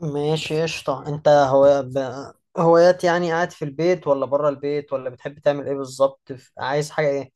ماشي، قشطة. هوايات يعني؟ قاعد في البيت ولا بره البيت، ولا بتحب تعمل ايه بالظبط؟ عايز حاجة ايه؟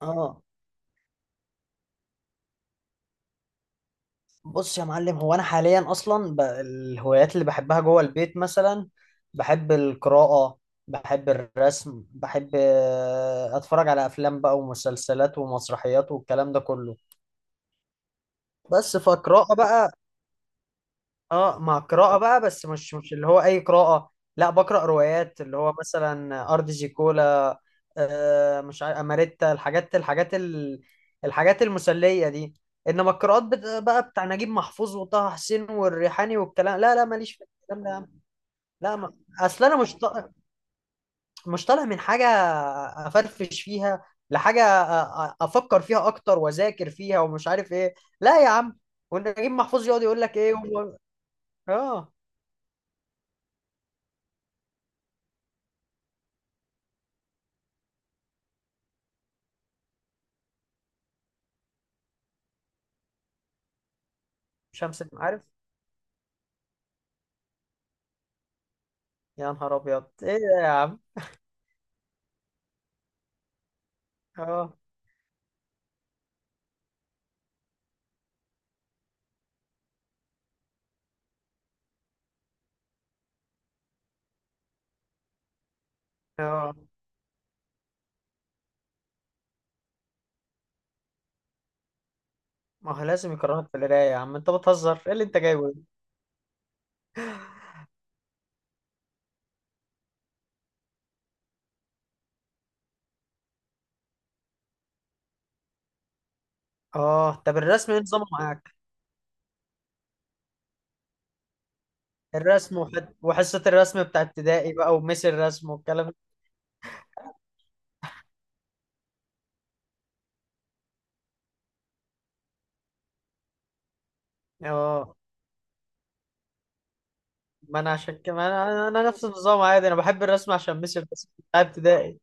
اه، بص يا معلم، هو انا حاليا الهوايات اللي بحبها جوه البيت مثلا بحب القراءة، بحب الرسم، بحب اتفرج على افلام بقى ومسلسلات ومسرحيات والكلام ده كله. بس فقراءة بقى. اه، مع قراءة بقى، بس مش اللي هو أي قراءة. لا، بقرأ روايات اللي هو مثلا أرض زيكولا، مش عارف أماريتا، الحاجات المسلية دي. إنما القراءات بقى بتاع نجيب محفوظ وطه حسين والريحاني والكلام، لا لا، ماليش في الكلام ده يا عم. لا، ما أصل أنا مش طالع من حاجة أفرفش فيها، لحاجة أفكر فيها أكتر، وأذاكر فيها ومش عارف إيه. لا يا عم، ونجيب محفوظ يقعد يقول لك إيه آه شمس، عارف. يا نهار ابيض، ايه ده يا عم؟ اه اه، ما هو لازم يكرهك في القرايه يا عم، انت بتهزر؟ ايه اللي انت جايبه ده؟ اه، طب الرسم ايه نظامه معاك؟ وحصه الرسم بتاع ابتدائي بقى، وميس الرسم والكلام ده. اه، ما انا عشان كده، ما انا, أنا نفس النظام عادي، انا بحب الرسم عشان ميس الرسم بتاع ابتدائي.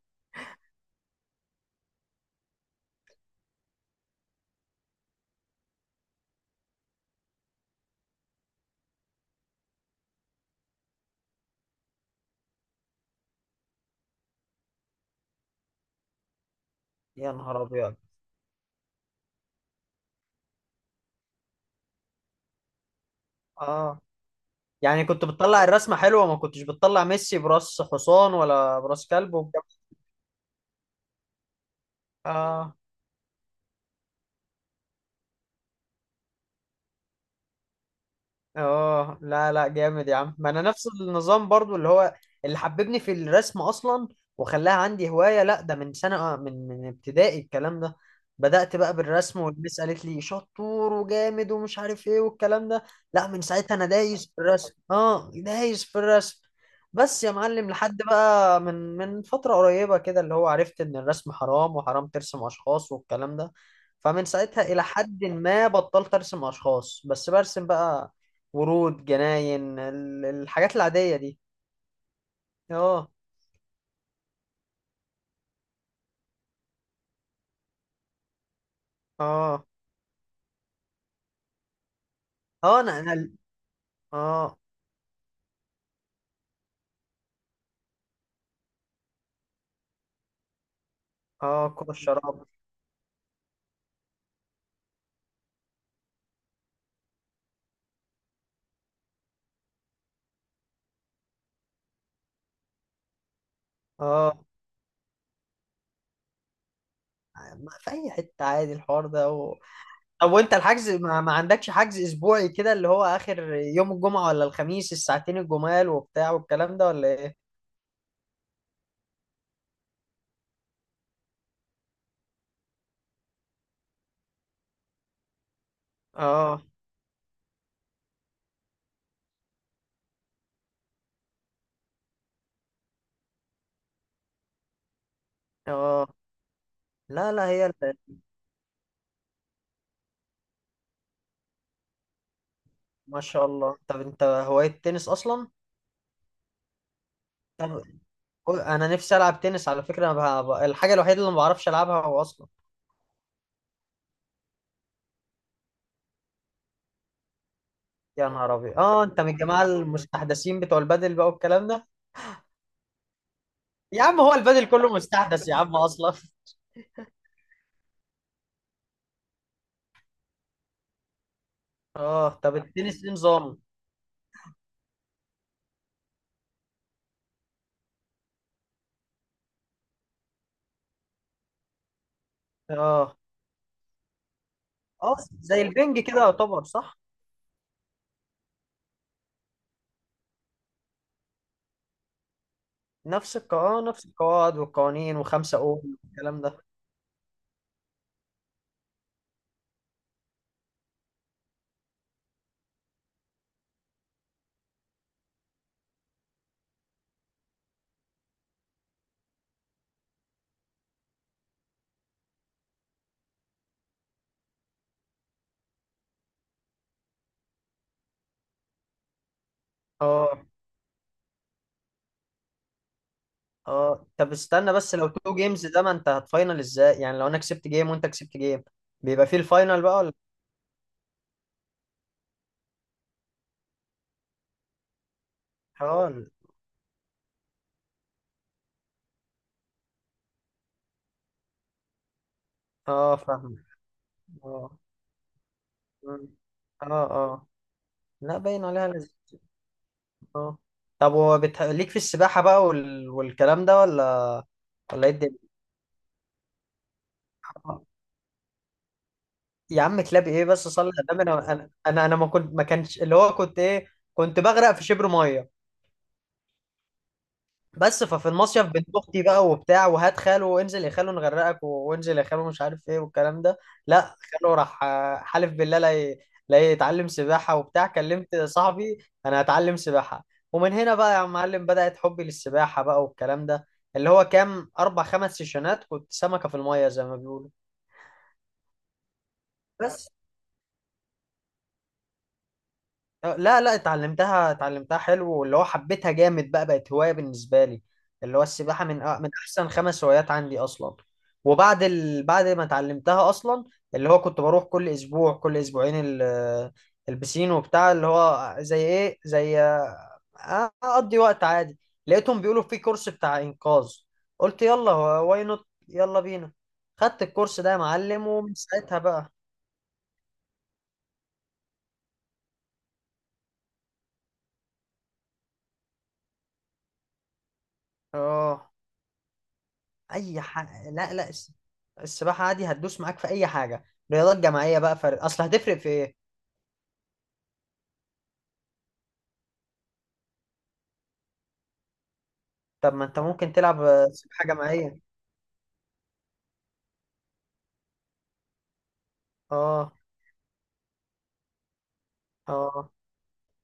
يا نهار ابيض اه، يعني كنت بتطلع الرسمه حلوه؟ ما كنتش بتطلع ميسي براس حصان ولا براس كلب والكلام ده. اه اه، لا لا، جامد يا عم. ما انا نفس النظام برضو، اللي هو اللي حببني في الرسم اصلا وخلاها عندي هواية. لا ده من سنة، من ابتدائي الكلام ده. بدأت بقى بالرسم والمس قالت لي شطور وجامد ومش عارف ايه والكلام ده. لا، من ساعتها انا دايس في الرسم، اه دايس في الرسم. بس يا معلم، لحد بقى من فترة قريبة كده، اللي هو عرفت ان الرسم حرام، وحرام ترسم اشخاص والكلام ده. فمن ساعتها الى حد ما بطلت ارسم اشخاص، بس برسم بقى ورود، جناين، الحاجات العادية دي. اه، اه، اه، اه، اه كرة الشراب. اه، ما في اي حتة عادي الحوار ده و... طب، وانت الحجز ما عندكش حجز اسبوعي كده، اللي هو اخر يوم الجمعة ولا الخميس، الساعتين الجمال وبتاع والكلام ده ولا ايه؟ اه، اه، لا لا، ما شاء الله. طب، انت هواية التنس اصلا؟ طب، انا نفسي العب تنس على فكرة، انا بقى... الحاجة الوحيدة اللي ما بعرفش العبها هو اصلا. يا نهار ابيض اه، انت من الجماعه المستحدثين بتوع البادل بقى والكلام ده؟ يا عم هو البادل كله مستحدث يا عم اصلا. اه، طب التنس ايه نظام؟ اه اه، زي البنج كده يعتبر صح؟ اه نفس القواعد والقوانين وخمسة اوم والكلام ده. اه اه، طب استنى بس، لو تو جيمز ده ما انت هتفاينل ازاي؟ يعني لو انا كسبت جيم وانت كسبت جيم بيبقى فيه الفاينل بقى ولا؟ اه، اه فاهم، اه، اه، اه. لا باين عليها. اه، طب ليك في السباحة بقى والكلام ده ولا؟ ولا ايه الدنيا؟ يا عم كلاب ايه بس، صلي على النبي. انا انا انا أنا ما كنت ما كانش اللي هو كنت ايه؟ كنت بغرق في شبر ميه. بس، ففي المصيف، بنت اختي بقى وبتاع، وهات خاله وانزل يا خاله نغرقك وانزل يا خاله مش عارف ايه والكلام ده. لا خاله راح، حلف بالله لا يتعلم سباحه وبتاع. كلمت صاحبي، انا هتعلم سباحه، ومن هنا بقى يا معلم بدأت حبي للسباحه بقى والكلام ده. اللي هو كام، اربع خمس سيشنات، كنت سمكه في الميه زي ما بيقولوا. بس لا لا، اتعلمتها حلو، واللي هو حبيتها جامد بقى، بقت هواية بالنسبة لي. اللي هو السباحة من من أحسن خمس هوايات عندي أصلا. وبعد بعد ما اتعلمتها أصلا، اللي هو كنت بروح كل أسبوع كل أسبوعين البسين وبتاع، اللي هو زي إيه، زي أقضي وقت عادي. لقيتهم بيقولوا في كورس بتاع إنقاذ، قلت يلا، واي نوت يلا بينا. خدت الكورس ده يا معلم، ومن ساعتها بقى. اه، اي حاجه، لا لا، السباحه عادي هتدوس معاك في اي حاجه. رياضات جماعيه بقى فرق، اصل هتفرق في ايه؟ طب ما انت ممكن تلعب سباحه جماعيه. اه، اه،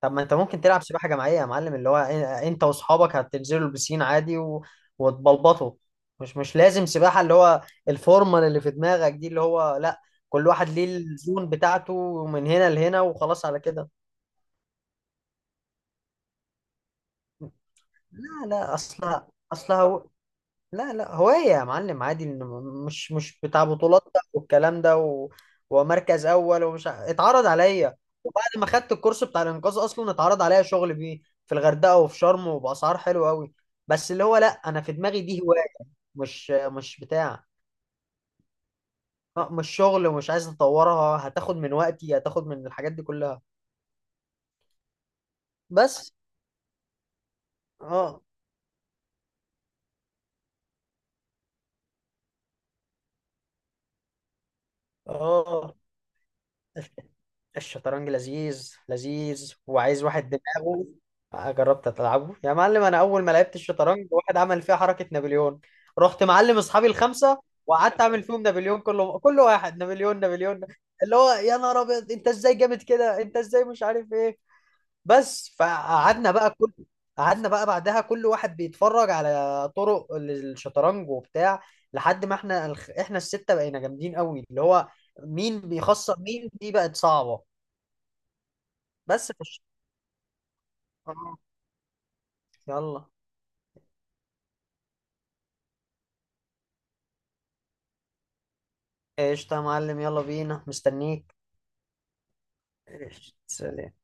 طب ما انت ممكن تلعب سباحه جماعيه يا معلم، اللي هو انت واصحابك هتنزلوا البسين عادي و... وتبلبطوا. مش مش لازم سباحه، اللي هو الفورمال اللي في دماغك دي، اللي هو لا. كل واحد ليه الزون بتاعته من هنا لهنا وخلاص على كده. لا لا، اصلها لا لا، هواية يا معلم عادي. إن مش مش بتاع بطولات بقى والكلام ده و... ومركز أول ومش اتعرض عليا. وبعد ما خدت الكورس بتاع الإنقاذ أصلا، اتعرض عليا شغل بيه في الغردقة وفي شرم وبأسعار حلوة أوي. بس اللي هو لا، أنا في دماغي دي هواية، مش مش بتاع. مش شغل ومش عايز أطورها، هتاخد من وقتي، هتاخد من الحاجات دي كلها. بس، اه، اه، الشطرنج لذيذ لذيذ وعايز واحد دماغه. جربت تلعبه يا معلم، انا اول ما لعبت الشطرنج واحد عمل فيها حركة نابليون. رحت معلم اصحابي الخمسة، وقعدت اعمل فيهم نابليون كله، كل واحد نابليون، نابليون. اللي هو يا نهار ابيض، انت ازاي جامد كده، انت ازاي مش عارف ايه. بس فقعدنا بقى كل قعدنا بقى بعدها كل واحد بيتفرج على طرق الشطرنج وبتاع، لحد ما احنا احنا الستة بقينا جامدين قوي. اللي هو مين بيخسر مين دي بقت صعبة. بس في الش... آه، يلا. قشطة يا معلم، يلا بينا مستنيك. قشطة، سلام.